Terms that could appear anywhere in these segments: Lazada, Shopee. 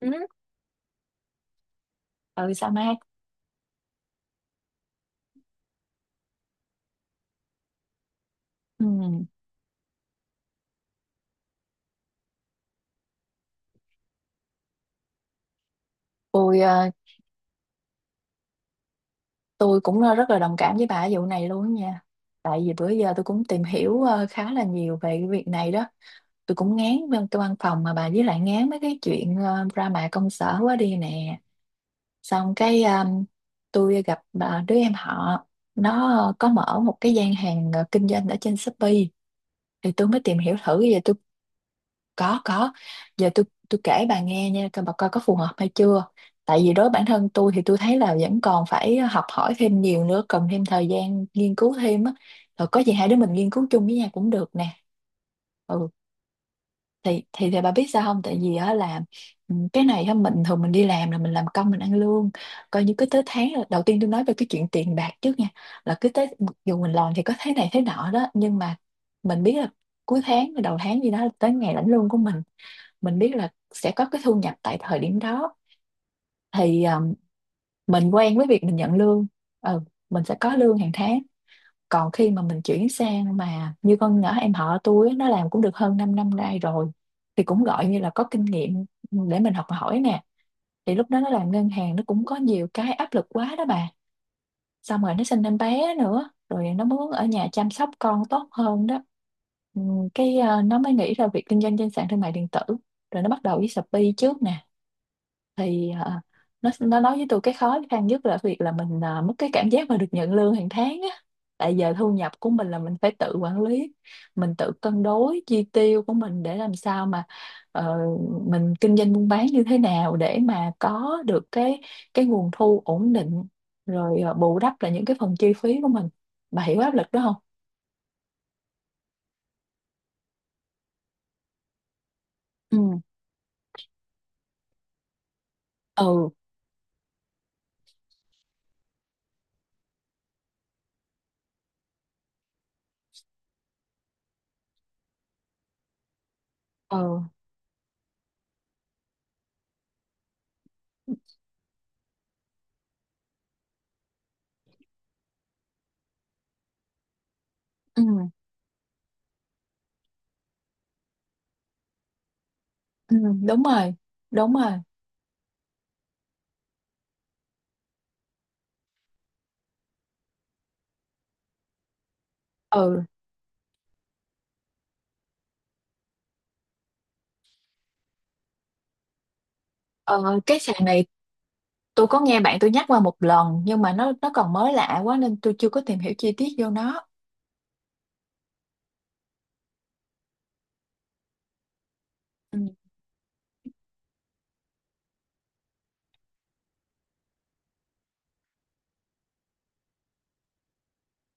Ừ, ừ sao mát. Ừ. tôi ờ, tôi cũng rất là đồng cảm với bà ở vụ này luôn á nha. Tại vì bữa giờ tôi cũng tìm hiểu khá là nhiều về cái việc này đó. Tôi cũng ngán bên cái văn phòng mà bà, với lại ngán mấy cái chuyện drama công sở quá đi nè. Xong cái tôi gặp bà, đứa em họ, nó có mở một cái gian hàng kinh doanh ở trên Shopee. Thì tôi mới tìm hiểu thử vậy. Tôi có. Giờ tôi kể bà nghe nha, coi bà coi có phù hợp hay chưa. Tại vì đối với bản thân tôi thì tôi thấy là vẫn còn phải học hỏi thêm nhiều nữa, cần thêm thời gian nghiên cứu thêm á. Rồi có gì hai đứa mình nghiên cứu chung với nhau cũng được nè. Ừ. Thì bà biết sao không, tại vì á là, ừ, cái này á mình thường mình đi làm là mình làm công mình ăn lương. Coi như cứ tới đầu tiên tôi nói về cái chuyện tiền bạc trước nha. Là cứ tới, mặc dù mình làm thì có thế này thế nọ đó nhưng mà mình biết là cuối tháng đầu tháng gì đó là tới ngày lãnh lương của mình. Mình biết là sẽ có cái thu nhập tại thời điểm đó. Thì mình quen với việc mình nhận lương. Ừ, mình sẽ có lương hàng tháng. Còn khi mà mình chuyển sang mà như con nhỏ em họ tôi á, nó làm cũng được hơn 5 năm nay rồi. Thì cũng gọi như là có kinh nghiệm để mình học hỏi nè. Thì lúc đó nó làm ngân hàng, nó cũng có nhiều cái áp lực quá đó bà. Xong rồi nó sinh em bé nữa, rồi nó muốn ở nhà chăm sóc con tốt hơn đó. Ừ. Nó mới nghĩ ra việc kinh doanh trên sàn thương mại điện tử, rồi nó bắt đầu với Shopee trước nè. Thì nó nói với tôi cái khó khăn nhất là việc là mình mất cái cảm giác mà được nhận lương hàng tháng á. Tại giờ thu nhập của mình là mình phải tự quản lý, mình tự cân đối chi tiêu của mình để làm sao mà ờ, mình kinh doanh buôn bán như thế nào để mà có được cái nguồn thu ổn định, rồi bù đắp lại những cái phần chi phí của mình. Bà hiểu áp lực đó không? Ừ, ừ, ừ, ừ, ừ, đúng rồi, đúng rồi. Ừ. ờ, cái sàn này tôi có nghe bạn tôi nhắc qua một lần nhưng mà nó còn mới lạ quá nên tôi chưa có tìm hiểu chi tiết vô nó. Ừ,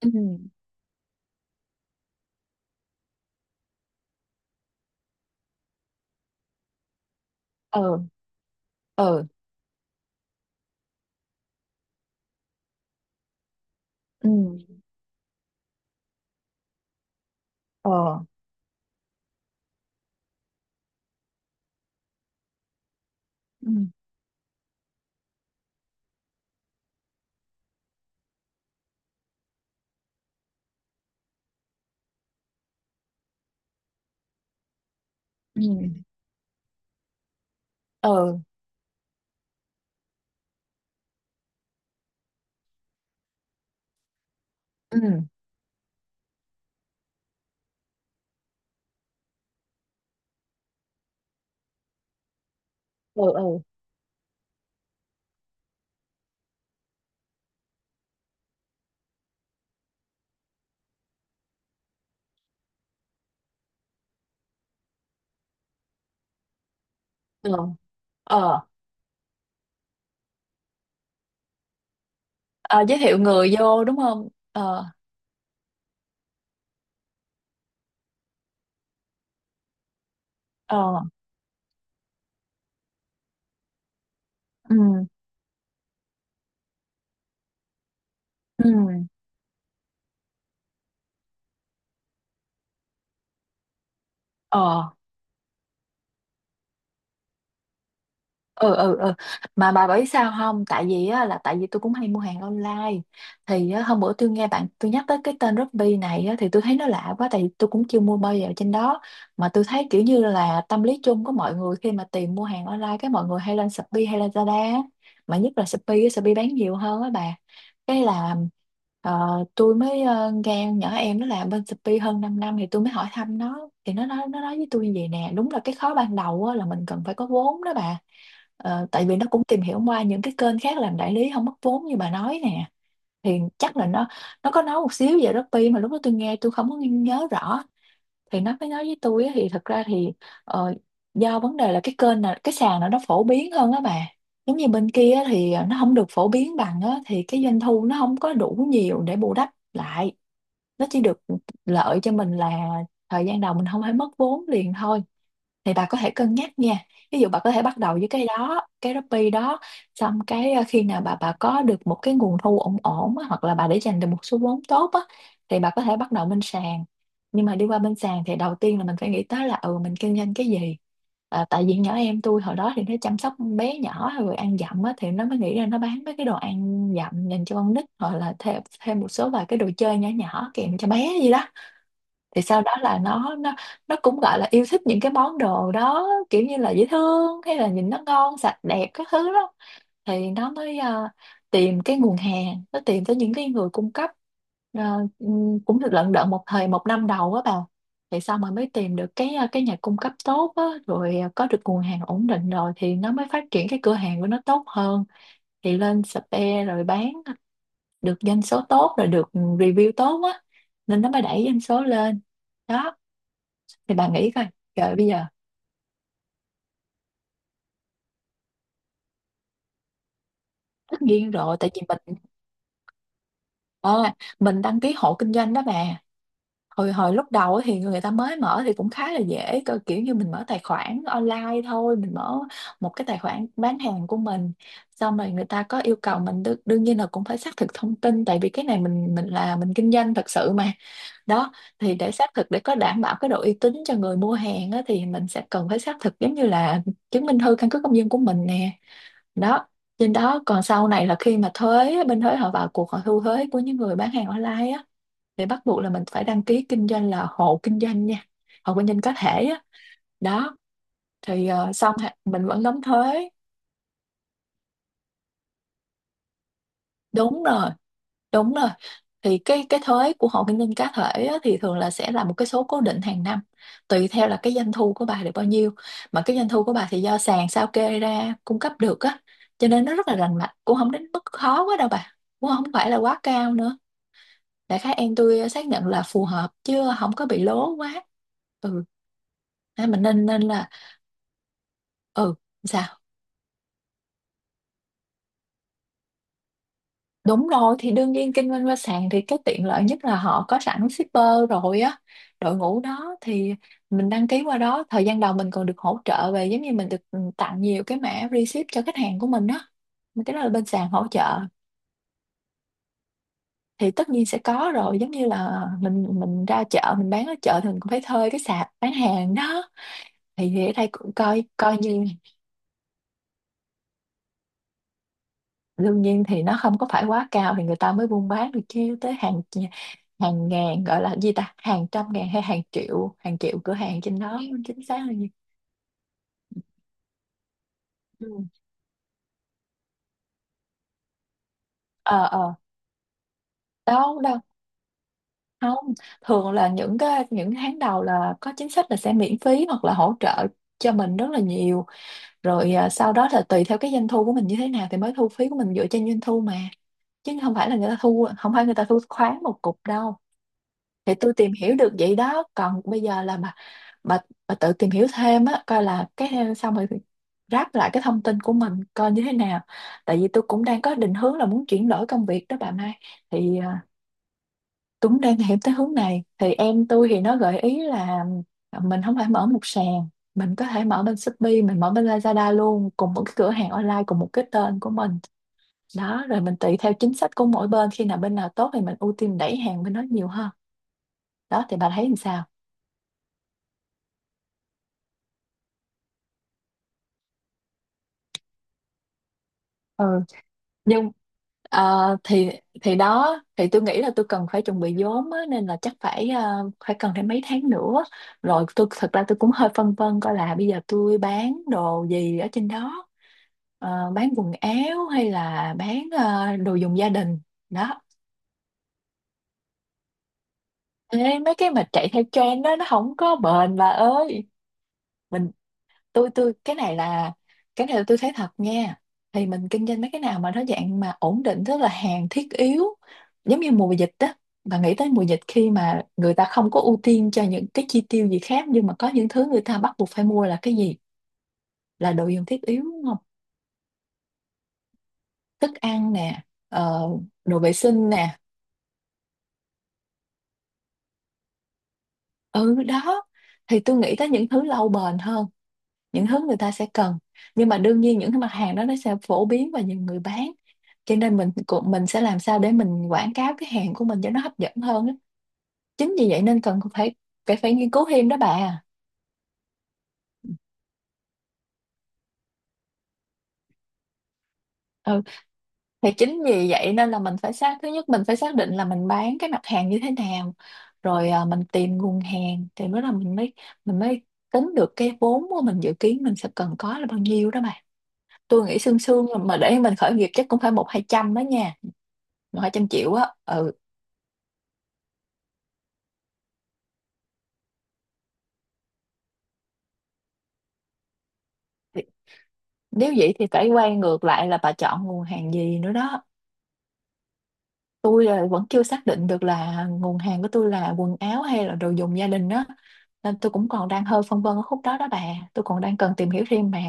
ừ, ừ, ừ, ừ, ờ, ừ, ừ, ừ, ừ, ừ, ừ, ừ, ờ. Ờ, giới thiệu người vô đúng không? Ờ. Ờ, ừ, ừ, ờ, ừ, ừ, ừ. Mà bà biết sao không, tại vì á, là tại vì tôi cũng hay mua hàng online. Thì á, hôm bữa tôi nghe bạn tôi nhắc tới cái tên Shopee này á, thì tôi thấy nó lạ quá tại vì tôi cũng chưa mua bao giờ trên đó. Mà tôi thấy kiểu như là tâm lý chung của mọi người khi mà tìm mua hàng online cái mọi người hay lên Shopee hay là Lazada á. Mà nhất là Shopee á, Shopee bán nhiều hơn á bà. Cái là ờ, tôi mới nghe nhỏ em nó làm bên Shopee hơn 5 năm thì tôi mới hỏi thăm nó, thì nó nói với tôi như vậy nè. Đúng là cái khó ban đầu á, là mình cần phải có vốn đó bà. Ờ, tại vì nó cũng tìm hiểu qua những cái kênh khác làm đại lý không mất vốn như bà nói nè. Thì chắc là nó có nói một xíu về Shopee mà lúc đó tôi nghe tôi không có nhớ rõ. Thì nó mới nói với tôi á, thì thật ra thì ờ, do vấn đề là cái kênh này, cái sàn này nó phổ biến hơn á bà. Giống như bên kia á thì nó không được phổ biến bằng á, thì cái doanh thu nó không có đủ nhiều để bù đắp lại. Nó chỉ được lợi cho mình là thời gian đầu mình không phải mất vốn liền thôi. Thì bà có thể cân nhắc nha. Ví dụ bà có thể bắt đầu với cái đó, cái Shopee đó. Xong cái khi nào bà có được một cái nguồn thu ổn ổn á, hoặc là bà để dành được một số vốn tốt á, thì bà có thể bắt đầu bên sàn. Nhưng mà đi qua bên sàn thì đầu tiên là mình phải nghĩ tới là, ừ, mình kinh doanh cái gì. Tại vì nhỏ em tôi hồi đó thì nó chăm sóc bé nhỏ rồi ăn dặm á, thì nó mới nghĩ ra nó bán mấy cái đồ ăn dặm dành cho con nít, hoặc là thêm thêm một số vài cái đồ chơi nhỏ nhỏ kèm cho bé gì đó. Thì sau đó là nó cũng gọi là yêu thích những cái món đồ đó, kiểu như là dễ thương hay là nhìn nó ngon sạch đẹp các thứ đó. Thì nó mới tìm cái nguồn hàng, nó tìm tới những cái người cung cấp. Ờ, cũng được lận đận một năm đầu á bà. Thì sau mà mới tìm được cái nhà cung cấp tốt á, rồi có được nguồn hàng ổn định rồi thì nó mới phát triển cái cửa hàng của nó tốt hơn. Thì lên spare rồi bán được doanh số tốt rồi được review tốt á, nên nó mới đẩy doanh số lên đó. Thì bà nghĩ coi. Trời bây giờ. Tất nhiên rồi, tại vì mình đăng ký hộ kinh doanh đó bà. Hồi hồi lúc đầu á thì người ta mới mở thì cũng khá là dễ cơ, kiểu như mình mở tài khoản online thôi, mình mở một cái tài khoản bán hàng của mình. Xong rồi người ta có yêu cầu mình, đương nhiên là cũng phải xác thực thông tin, tại vì cái này mình là mình kinh doanh thật sự mà. Đó. Thì để xác thực để có đảm bảo cái độ uy tín cho người mua hàng á, thì mình sẽ cần phải xác thực giống như là chứng minh thư căn cước công dân của mình nè. Đó. Trên đó, còn sau này là khi mà thuế, bên thuế họ vào cuộc họ thu thuế của những người bán hàng online á, thì bắt buộc là mình phải đăng ký kinh doanh là hộ kinh doanh nha, hộ kinh doanh cá thể á. Đó. Thì mình vẫn đóng thuế. Đúng rồi, đúng rồi. Thì cái thuế của hộ kinh doanh cá thể á, thì thường là sẽ là một cái số cố định hàng năm, tùy theo là cái doanh thu của bà được bao nhiêu. Mà cái doanh thu của bà thì do sàn sao kê ra cung cấp được á, cho nên nó rất là rành mạch, cũng không đến mức khó quá đâu bà. Cũng không phải là quá cao nữa. Đại khái em tôi xác nhận là phù hợp chứ không có bị lố quá. Ừ. Nên mình nên nên là. Ừ sao. Đúng rồi. Thì đương nhiên kinh doanh qua sàn thì cái tiện lợi nhất là họ có sẵn shipper, rồi á, đội ngũ đó thì mình đăng ký qua đó thời gian đầu mình còn được hỗ trợ về, giống như mình được, ừ, tặng nhiều cái mã receipt cho khách hàng của mình á. Mình cái đó là bên sàn hỗ trợ. Thì tất nhiên sẽ có rồi, giống như là mình ra chợ mình bán ở chợ thì mình cũng phải thuê cái sạp bán hàng đó. Thì ở đây cũng coi coi như. Đương nhiên thì nó không có phải quá cao thì người ta mới buôn bán được, chứ tới hàng hàng ngàn, gọi là gì ta, hàng trăm ngàn hay hàng triệu cửa hàng trên đó không chính xác là gì. Ừ. Ờ ờ, đâu đâu, không. Thường là những cái tháng đầu là có chính sách là sẽ miễn phí hoặc là hỗ trợ cho mình rất là nhiều rồi. Sau đó là tùy theo cái doanh thu của mình như thế nào thì mới thu phí của mình dựa trên doanh thu mà, chứ không phải là người ta thu, không phải người ta thu khoán một cục đâu. Thì tôi tìm hiểu được vậy đó, còn bây giờ là bà, bà tự tìm hiểu thêm á, coi là cái xong rồi ráp lại cái thông tin của mình coi như thế nào. Tại vì tôi cũng đang có định hướng là muốn chuyển đổi công việc đó bà Mai, thì tôi cũng đang hiểu tới hướng này, thì em tôi thì nó gợi ý là mình không phải mở một sàn, mình có thể mở bên Shopee, mình mở bên Lazada luôn, cùng một cái cửa hàng online, cùng một cái tên của mình đó. Rồi mình tùy theo chính sách của mỗi bên, khi nào bên nào tốt thì mình ưu tiên đẩy hàng bên đó nhiều hơn đó, thì bà thấy làm sao? Ừ, nhưng thì đó, thì tôi nghĩ là tôi cần phải chuẩn bị vốn á, nên là chắc phải phải cần thêm mấy tháng nữa. Rồi tôi thật ra tôi cũng hơi phân vân coi là bây giờ tôi bán đồ gì ở trên đó. Ờ, bán quần áo hay là bán đồ dùng gia đình đó. Ê, mấy cái mà chạy theo trend đó nó không có bền bà ơi. mình tôi cái này là tôi thấy thật nha. Thì mình kinh doanh mấy cái nào mà nó dạng mà ổn định, tức là hàng thiết yếu, giống như mùa dịch đó. Bà nghĩ tới mùa dịch, khi mà người ta không có ưu tiên cho những cái chi tiêu gì khác, nhưng mà có những thứ người ta bắt buộc phải mua là cái gì? Là đồ dùng thiết yếu đúng không? Thức ăn nè, ờ, đồ vệ sinh nè. Ừ đó, thì tôi nghĩ tới những thứ lâu bền hơn, những thứ người ta sẽ cần. Nhưng mà đương nhiên những cái mặt hàng đó nó sẽ phổ biến và nhiều người bán, cho nên mình sẽ làm sao để mình quảng cáo cái hàng của mình cho nó hấp dẫn hơn á. Chính vì vậy nên cần phải phải phải nghiên cứu thêm đó bà. Ừ, thì chính vì vậy nên là mình phải xác, thứ nhất mình phải xác định là mình bán cái mặt hàng như thế nào, rồi mình tìm nguồn hàng, thì mới là mình mới tính được cái vốn của mình dự kiến mình sẽ cần có là bao nhiêu đó bà. Tôi nghĩ sương sương mà để mình khởi nghiệp chắc cũng phải một hai trăm đó nha, một hai trăm triệu á. Ừ. Thì- Nếu vậy thì phải quay ngược lại là bà chọn nguồn hàng gì nữa đó. Tôi là vẫn chưa xác định được là nguồn hàng của tôi là quần áo hay là đồ dùng gia đình đó. Nên tôi cũng còn đang hơi phân vân ở khúc đó đó bà. Tôi còn đang cần tìm hiểu thêm mà.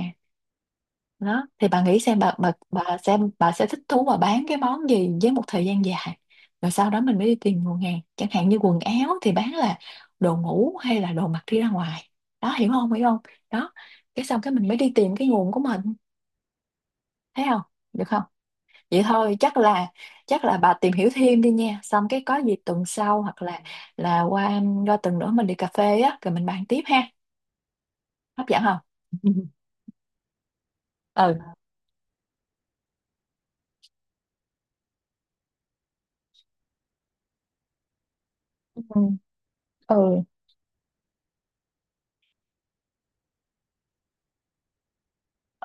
Đó, thì bà nghĩ xem, bà xem bà sẽ thích thú và bán cái món gì với một thời gian dài. Rồi sau đó mình mới đi tìm nguồn hàng. Chẳng hạn như quần áo thì bán là đồ ngủ hay là đồ mặc đi ra ngoài. Đó hiểu không? Hiểu không? Đó. Cái xong cái mình mới đi tìm cái nguồn của mình. Thấy không? Được không? Vậy thôi, chắc là bà tìm hiểu thêm đi nha, xong cái có gì tuần sau hoặc là qua qua tuần nữa mình đi cà phê á, rồi mình bàn tiếp ha. Hấp dẫn không? Ừ ừ ừ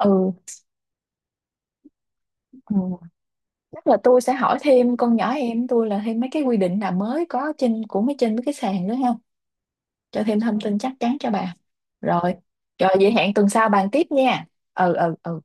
ừ ừ. Chắc là tôi sẽ hỏi thêm con nhỏ em tôi là thêm mấy cái quy định nào mới có trên mấy mấy cái sàn nữa không, cho thêm thông tin chắc chắn cho bà. Rồi, rồi vậy hẹn tuần sau bàn tiếp nha. Ừ ừ ừ.